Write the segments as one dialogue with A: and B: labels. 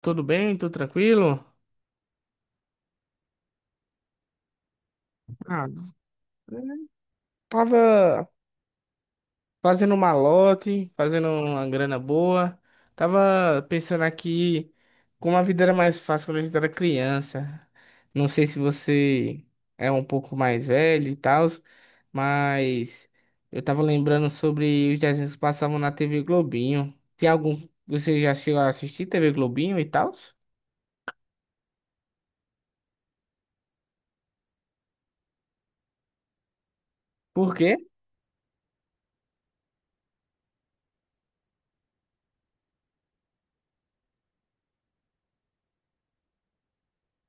A: Tudo bem? Tudo tranquilo? Ah, Tava fazendo um malote, fazendo uma grana boa. Tava pensando aqui como a vida era mais fácil quando a gente era criança. Não sei se você é um pouco mais velho e tal, mas eu tava lembrando sobre os desenhos que passavam na TV Globinho. Tem algum. Você já chegou a assistir TV Globinho e tal? Por quê?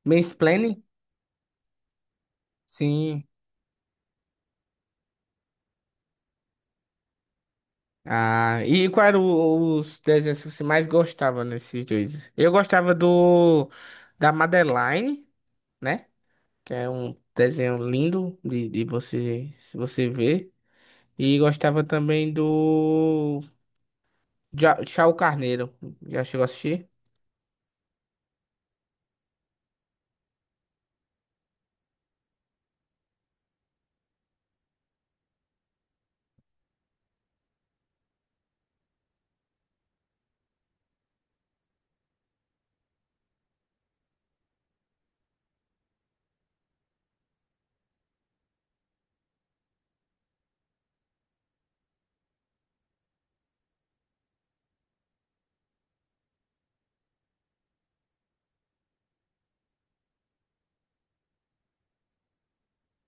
A: Mansplaining? Sim. Ah, e qual era os desenhos que você mais gostava nesses dois? Eu gostava do da Madeline, né? Que é um desenho lindo de você se você ver. E gostava também do Chao Carneiro. Já chegou a assistir?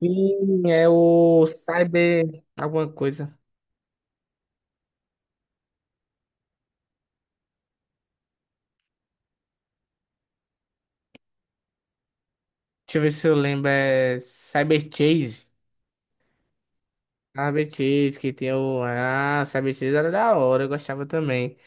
A: Sim, é o Cyber alguma coisa. Deixa eu ver se eu lembro. É Cyber Chase. Cyber Chase, que tem o. Ah, Cyber Chase era da hora, eu gostava também.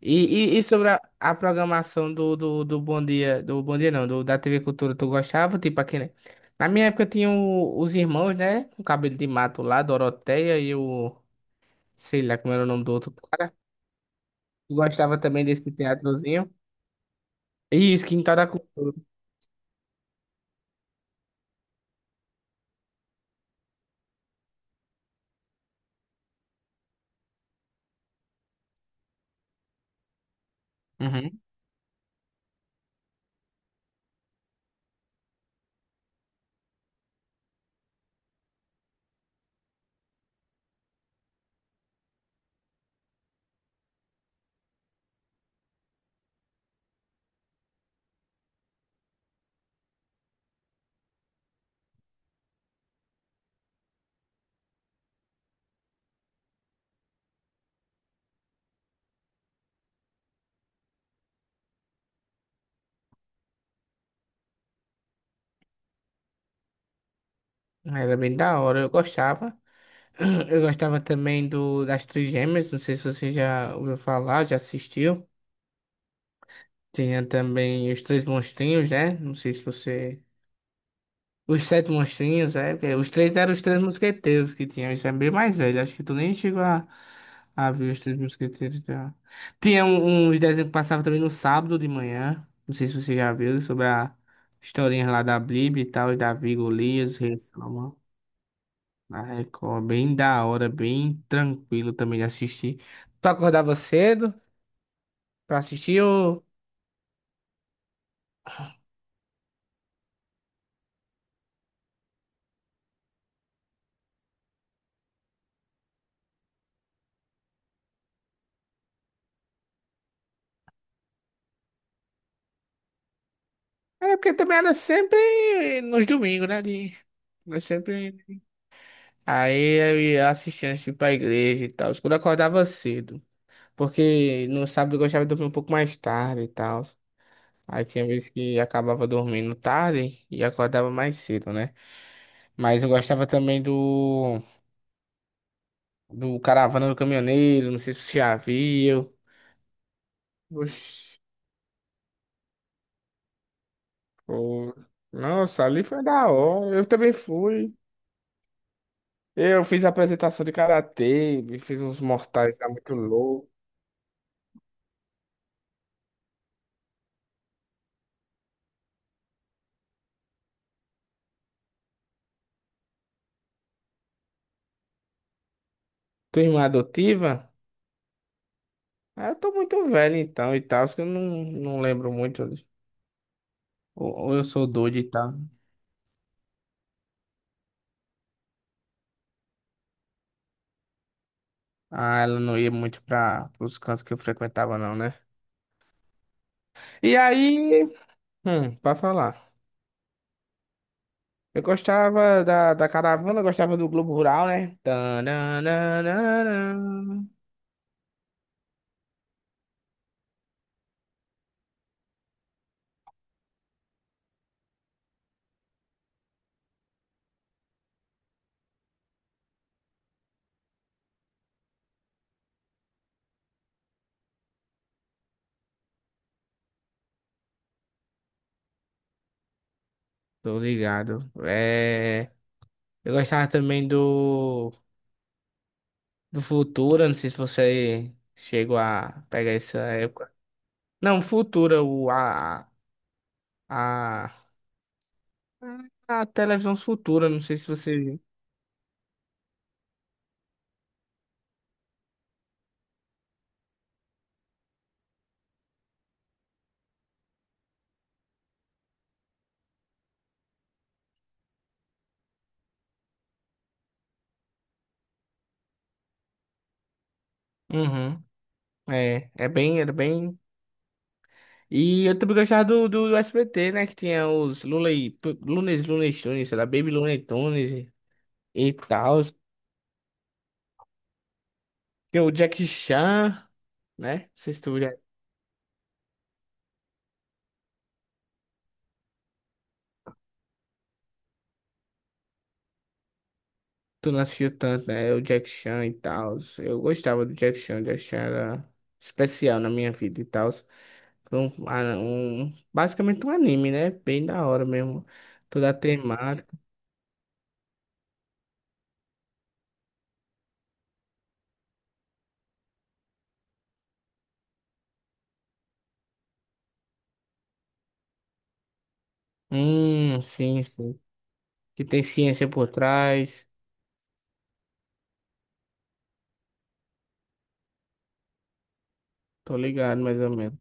A: E sobre a programação do Bom Dia, do Bom Dia não, do, da TV Cultura, tu gostava? Tipo aquele. Na minha época tinha os irmãos, né? Com cabelo de mato lá, Doroteia e o. Sei lá como era o nome do outro cara. Tu gostava também desse teatrozinho. E isso, Quintal da Cultura. Uhum. Era bem da hora, eu gostava. Eu gostava também do das Trigêmeas, não sei se você já ouviu falar, já assistiu. Tinha também os Três Monstrinhos, né? Não sei se você. Os Sete Monstrinhos, é, porque os três eram os Três Mosqueteiros que tinham, isso é bem mais velho, acho que tu nem chegou a ver os Três Mosqueteiros já. Uns desenhos que passavam também no sábado de manhã, não sei se você já viu, sobre a historinha lá da Bíblia e tal, e da Davi, e Golias, Rei Salomão, na Record, bem da hora, bem tranquilo também de assistir. Tu acordava cedo pra assistir ou... É, porque também era sempre nos domingos, né, de... Mas sempre aí eu ia assistir antes de ir pra igreja e tal. Quando eu acordava cedo. Porque no sábado eu gostava de dormir um pouco mais tarde e tal. Aí tinha vezes que acabava dormindo tarde e acordava mais cedo, né? Mas eu gostava também do Caravana do Caminhoneiro, não sei se você já viu. Oxi, pô. Nossa, ali foi da hora. Eu também fui. Eu fiz apresentação de karatê, fiz uns mortais lá muito louco. Tua irmã adotiva? Ah, eu tô muito velho então e tal, acho que eu não, não lembro muito. Ou eu sou doido e tal. Ah, ela não ia muito para os cantos que eu frequentava, não, né? E aí, pra falar. Eu gostava da, da caravana, gostava do Globo Rural, né? Tananana. Tô ligado. É, eu gostava também do Futura, não sei se você chegou a pegar essa época. Não, Futura, a a televisão futura, não sei se você viu. Uhum. É, é bem, era bem. E eu também gostava do SBT, né? Que tinha os Looney, Lunes, Lunes Tunes, sei lá, Baby Looney Tunes e tal. Tem o Jack Chan, né? Não sei se tu já tu não assistiu tanto, né? O Jack Chan e tal. Eu gostava do Jack Chan, o Jack Chan era especial na minha vida e tal. Foi um, um, basicamente um anime, né? Bem da hora mesmo. Toda a temática. Sim, sim. Que tem ciência por trás. Tô ligado, mais ou menos.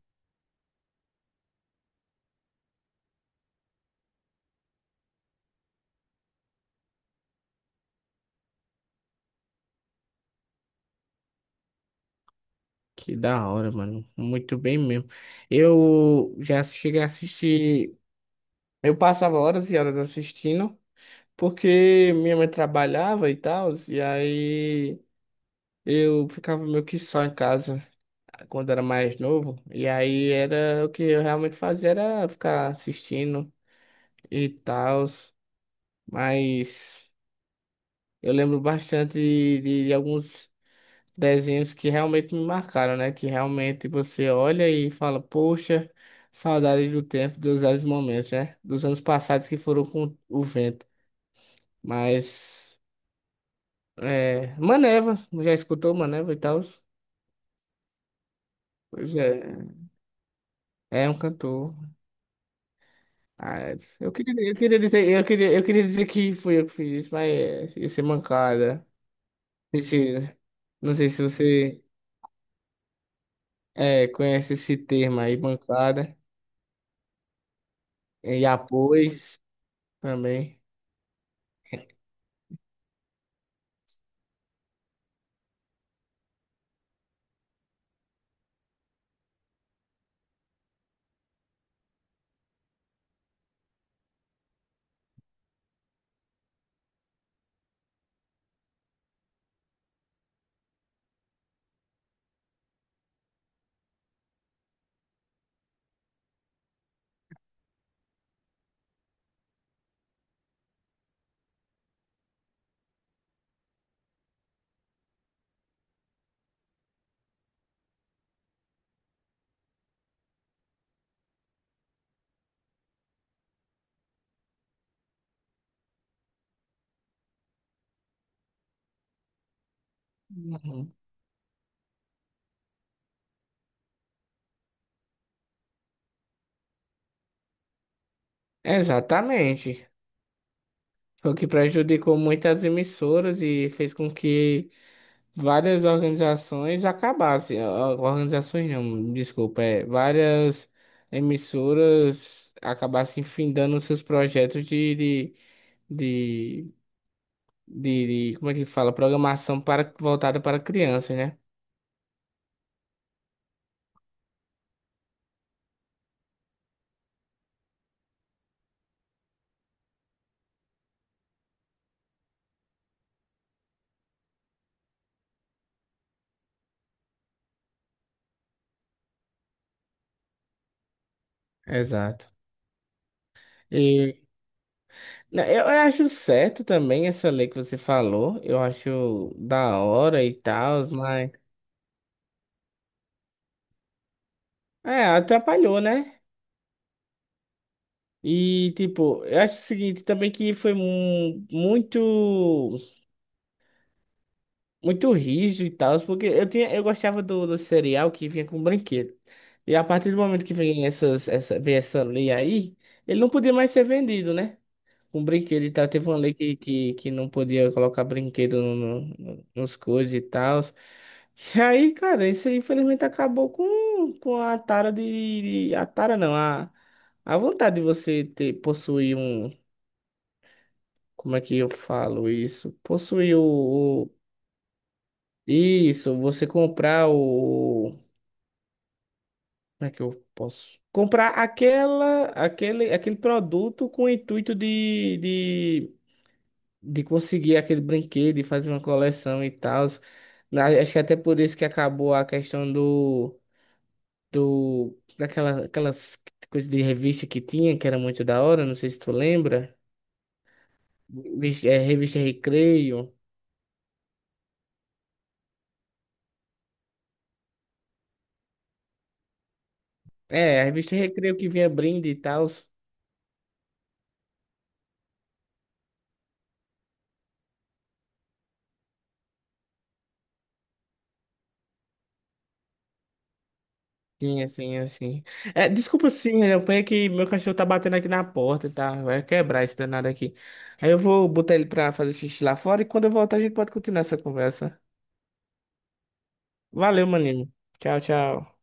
A: Que da hora, mano. Muito bem mesmo. Eu já cheguei a assistir. Eu passava horas e horas assistindo, porque minha mãe trabalhava e tal, e aí eu ficava meio que só em casa quando era mais novo. E aí era o que eu realmente fazia, era ficar assistindo e tal. Mas eu lembro bastante de alguns desenhos que realmente me marcaram, né? Que realmente você olha e fala, poxa, saudade do tempo, dos velhos momentos, né? Dos anos passados que foram com o vento. Mas, é, Maneva, já escutou Maneva e tal? Pois é, é um cantor. Ah, é. Eu queria dizer que fui eu que fiz isso, mas é, ia ser mancada. Esse- não sei se você é, conhece esse termo aí, bancada. E após também. Uhum. Exatamente. Foi o que prejudicou muitas emissoras e fez com que várias organizações acabassem. Ah, organizações não, desculpa, é, várias emissoras acabassem findando seus projetos de, de, de como é que fala? Programação para, voltada para crianças, né? Exato. E né, eu acho certo também essa lei que você falou. Eu acho da hora e tal, mas. É, atrapalhou, né? E, tipo, eu acho o seguinte também que foi muito, muito rígido e tal, porque eu tinha, eu gostava do cereal que vinha com brinquedo. E a partir do momento que vem vem essa lei aí, ele não podia mais ser vendido, né? com brinquedo e tal. Teve uma lei que não podia colocar brinquedo no, nos coisas e tal. E aí, cara, isso aí infelizmente acabou com a tara A tara não, a vontade de você ter, possuir um. Como é que eu falo isso? Possuir o. Isso, você comprar o. Como é que eu posso? Comprar aquela, aquele produto com o intuito de conseguir aquele brinquedo e fazer uma coleção e tal. Acho que até por isso que acabou a questão do, do daquela, aquelas coisas de revista que tinha, que era muito da hora, não sei se tu lembra. É, revista Recreio. É, a revista Recreio que vinha brinde e tal. Sim, assim, assim. É, desculpa, sim, eu apanhei que meu cachorro tá batendo aqui na porta, tá? Vai quebrar esse danado aqui. Aí eu vou botar ele pra fazer xixi lá fora e quando eu voltar a gente pode continuar essa conversa. Valeu, maninho. Tchau, tchau.